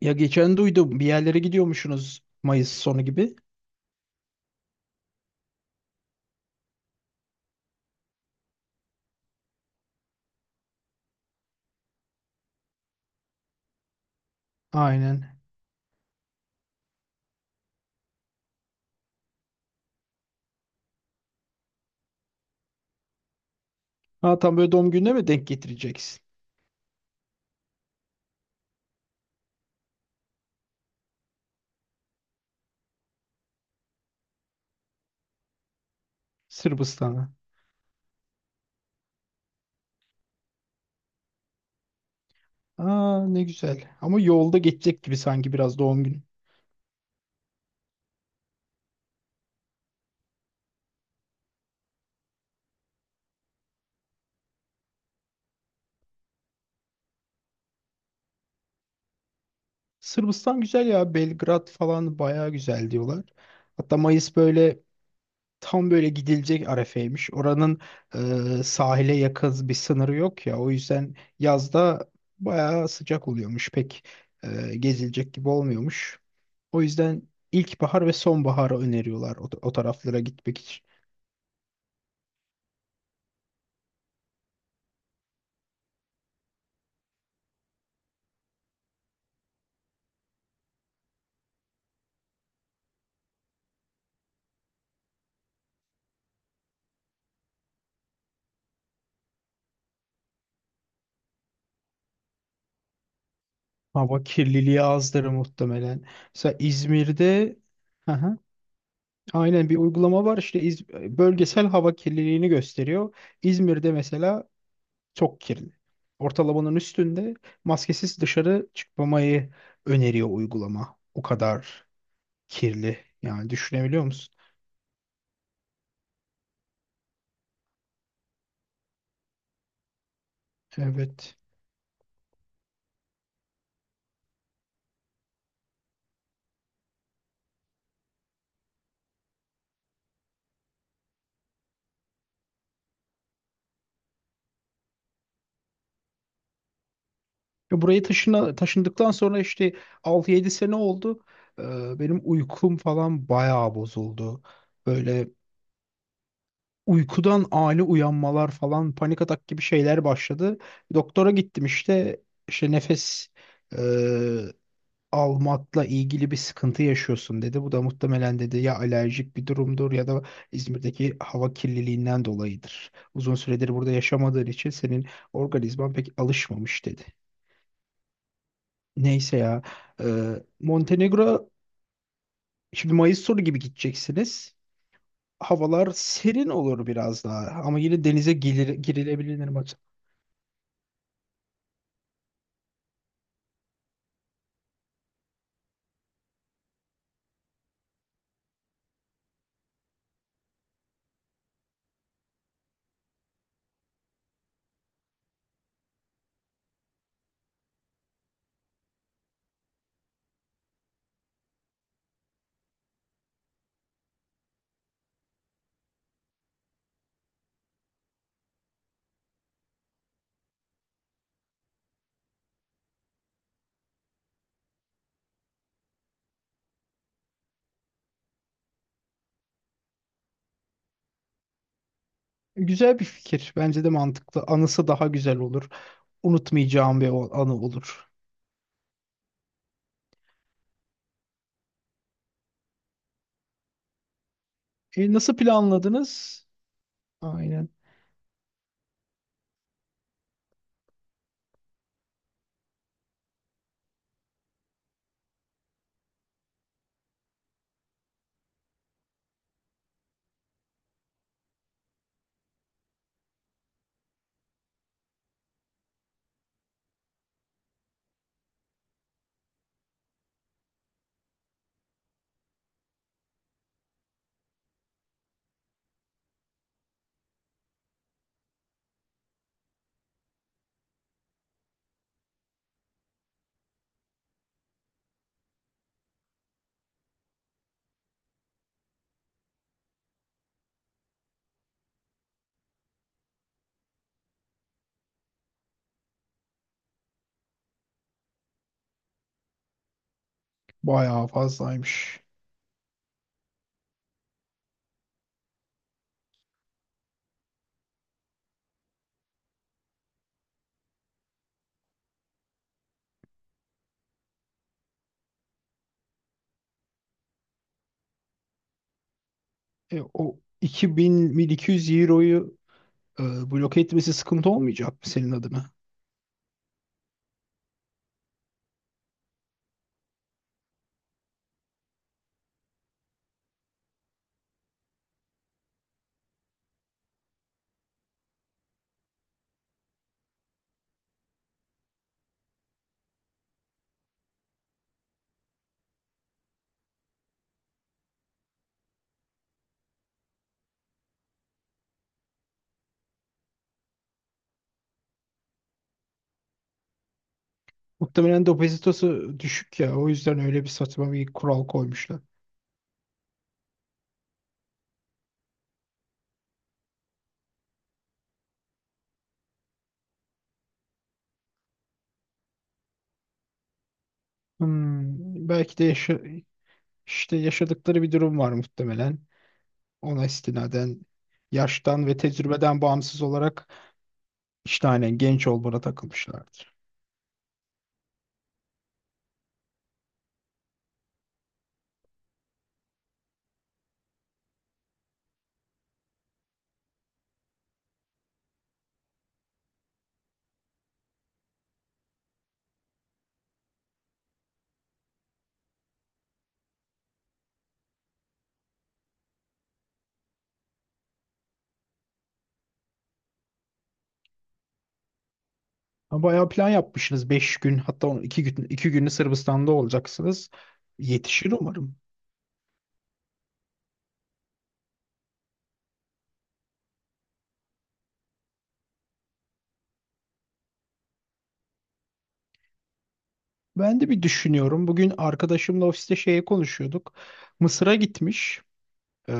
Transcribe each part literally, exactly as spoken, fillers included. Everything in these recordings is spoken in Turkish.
Ya geçen duydum bir yerlere gidiyormuşsunuz Mayıs sonu gibi. Aynen. Ha, tam böyle doğum gününe mi denk getireceksin? Sırbistan'a. Aa, ne güzel. Ama yolda geçecek gibi sanki biraz doğum günü. Sırbistan güzel ya. Belgrad falan bayağı güzel diyorlar. Hatta Mayıs böyle tam böyle gidilecek arefeymiş. Oranın e, sahile yakın bir sınırı yok ya. O yüzden yazda bayağı sıcak oluyormuş. Pek e, gezilecek gibi olmuyormuş. O yüzden ilkbahar ve sonbaharı öneriyorlar o, o taraflara gitmek için. Hava kirliliği azdır muhtemelen. Mesela İzmir'de. Aha, aynen bir uygulama var işte İz- bölgesel hava kirliliğini gösteriyor. İzmir'de mesela çok kirli. Ortalamanın üstünde maskesiz dışarı çıkmamayı öneriyor uygulama. O kadar kirli. Yani düşünebiliyor musun? Evet. Ya, buraya taşına, taşındıktan sonra işte altı yedi sene oldu. Ee, benim uykum falan bayağı bozuldu. Böyle uykudan ani uyanmalar falan panik atak gibi şeyler başladı. Doktora gittim işte işte nefes e, almakla ilgili bir sıkıntı yaşıyorsun dedi. Bu da muhtemelen dedi ya alerjik bir durumdur ya da İzmir'deki hava kirliliğinden dolayıdır. Uzun süredir burada yaşamadığın için senin organizman pek alışmamış dedi. Neyse ya. Ee, Montenegro şimdi Mayıs sonu gibi gideceksiniz. Havalar serin olur biraz daha ama yine denize gilir, girilebilir maç. Güzel bir fikir. Bence de mantıklı. Anısı daha güzel olur. Unutmayacağım bir o- anı olur. E, nasıl planladınız? Aynen. Bayağı fazlaymış. E, o iki bin bin iki yüz euroyu e, bloke etmesi sıkıntı olmayacak mı senin adına? Muhtemelen depozitosu düşük ya. O yüzden öyle bir saçma bir kural koymuşlar. Hmm, belki de yaşa- işte yaşadıkları bir durum var muhtemelen. Ona istinaden yaştan ve tecrübeden bağımsız olarak işte aynen genç olmana takılmışlardır. Ha, bayağı plan yapmışsınız. Beş gün hatta on- iki gün iki günü Sırbistan'da olacaksınız. Yetişir umarım. Ben de bir düşünüyorum. Bugün arkadaşımla ofiste şeye konuşuyorduk. Mısır'a gitmiş. Ee,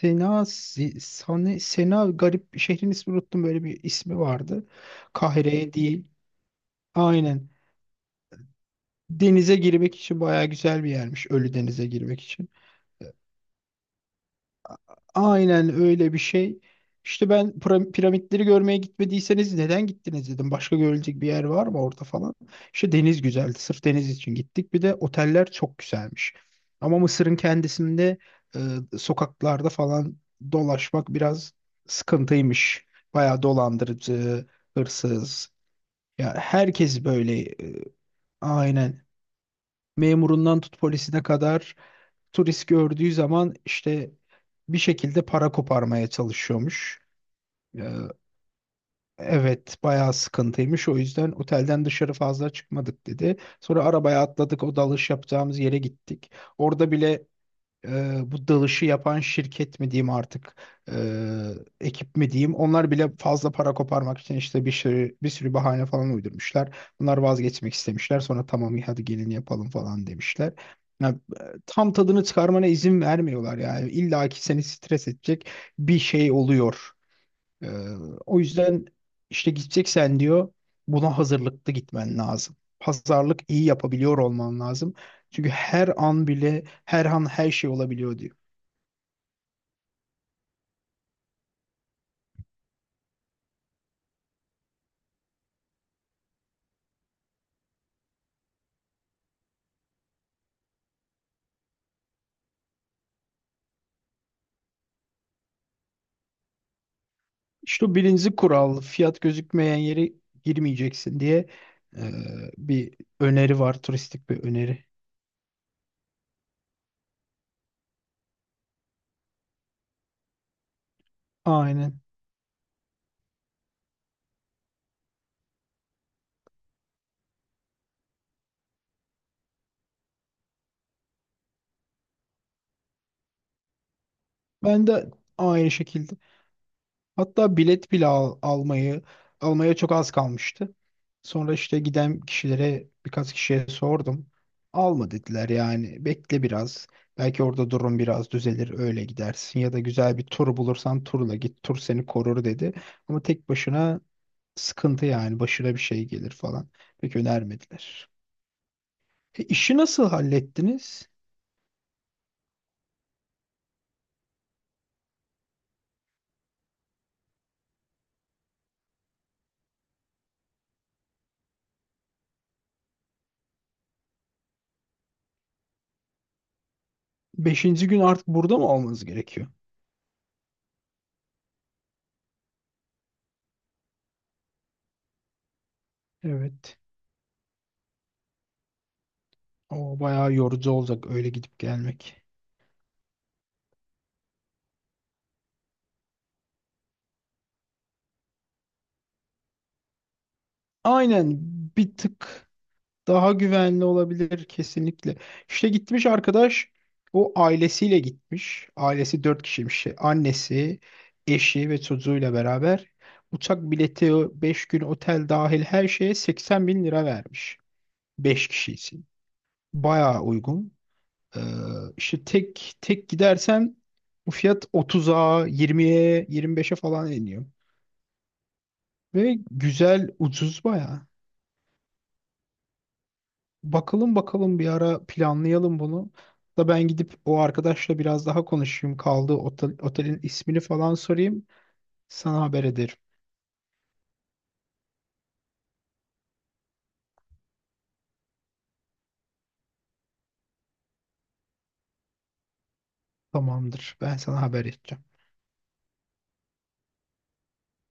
Sena, Sena, Sena garip şehrin ismini unuttum. Böyle bir ismi vardı. Kahire değil. Aynen. Denize girmek için bayağı güzel bir yermiş. Ölü denize girmek için. Aynen öyle bir şey. İşte ben pra- piramitleri görmeye gitmediyseniz neden gittiniz dedim. Başka görülecek bir yer var mı orada falan. İşte deniz güzeldi. Sırf deniz için gittik. Bir de oteller çok güzelmiş. Ama Mısır'ın kendisinde e, sokaklarda falan dolaşmak biraz sıkıntıymış. Bayağı dolandırıcı, hırsız. Ya, herkes böyle e, aynen memurundan tut polisine kadar turist gördüğü zaman işte bir şekilde para koparmaya çalışıyormuş. Ee, evet, bayağı sıkıntıymış. O yüzden otelden dışarı fazla çıkmadık dedi. Sonra arabaya atladık o dalış yapacağımız yere gittik. Orada bile e, bu dalışı yapan şirket mi diyeyim artık e, ekip mi diyeyim onlar bile fazla para koparmak için işte bir sürü, bir sürü bahane falan uydurmuşlar. Bunlar vazgeçmek istemişler sonra tamam hadi gelin yapalım falan demişler. Ya, e, tam tadını çıkarmana izin vermiyorlar yani. İlla ki seni stres edecek bir şey oluyor. Ee, O yüzden işte gideceksen diyor buna hazırlıklı gitmen lazım. Pazarlık iyi yapabiliyor olman lazım. Çünkü her an bile her an her şey olabiliyor diyor. İşte o birinci kural fiyat gözükmeyen yere girmeyeceksin diye e, bir öneri var, turistik bir öneri. Aynen. Ben de aynı şekilde. Hatta bilet bile al- almayı almaya çok az kalmıştı. Sonra işte giden kişilere birkaç kişiye sordum. Alma dediler yani bekle biraz. Belki orada durum biraz düzelir öyle gidersin ya da güzel bir tur bulursan turla git, tur seni korur dedi. Ama tek başına sıkıntı yani başına bir şey gelir falan. Pek önermediler. E, işi nasıl hallettiniz? Beşinci gün artık burada mı olmanız gerekiyor? Evet. O bayağı yorucu olacak öyle gidip gelmek. Aynen, bir tık daha güvenli olabilir kesinlikle. İşte gitmiş arkadaş, o ailesiyle gitmiş. Ailesi dört kişiymiş. şey, Annesi, eşi ve çocuğuyla beraber uçak bileti, beş gün otel dahil her şeye seksen bin lira vermiş. Beş kişi için. Bayağı uygun. Ee, işte tek tek gidersen bu fiyat otuza, yirmiye, yirmi beşe falan iniyor. Ve güzel, ucuz bayağı. Bakalım bakalım bir ara planlayalım bunu. Da ben gidip o arkadaşla biraz daha konuşayım. Kaldığı otel, otelin ismini falan sorayım. Sana haber ederim. Tamamdır. Ben sana haber edeceğim.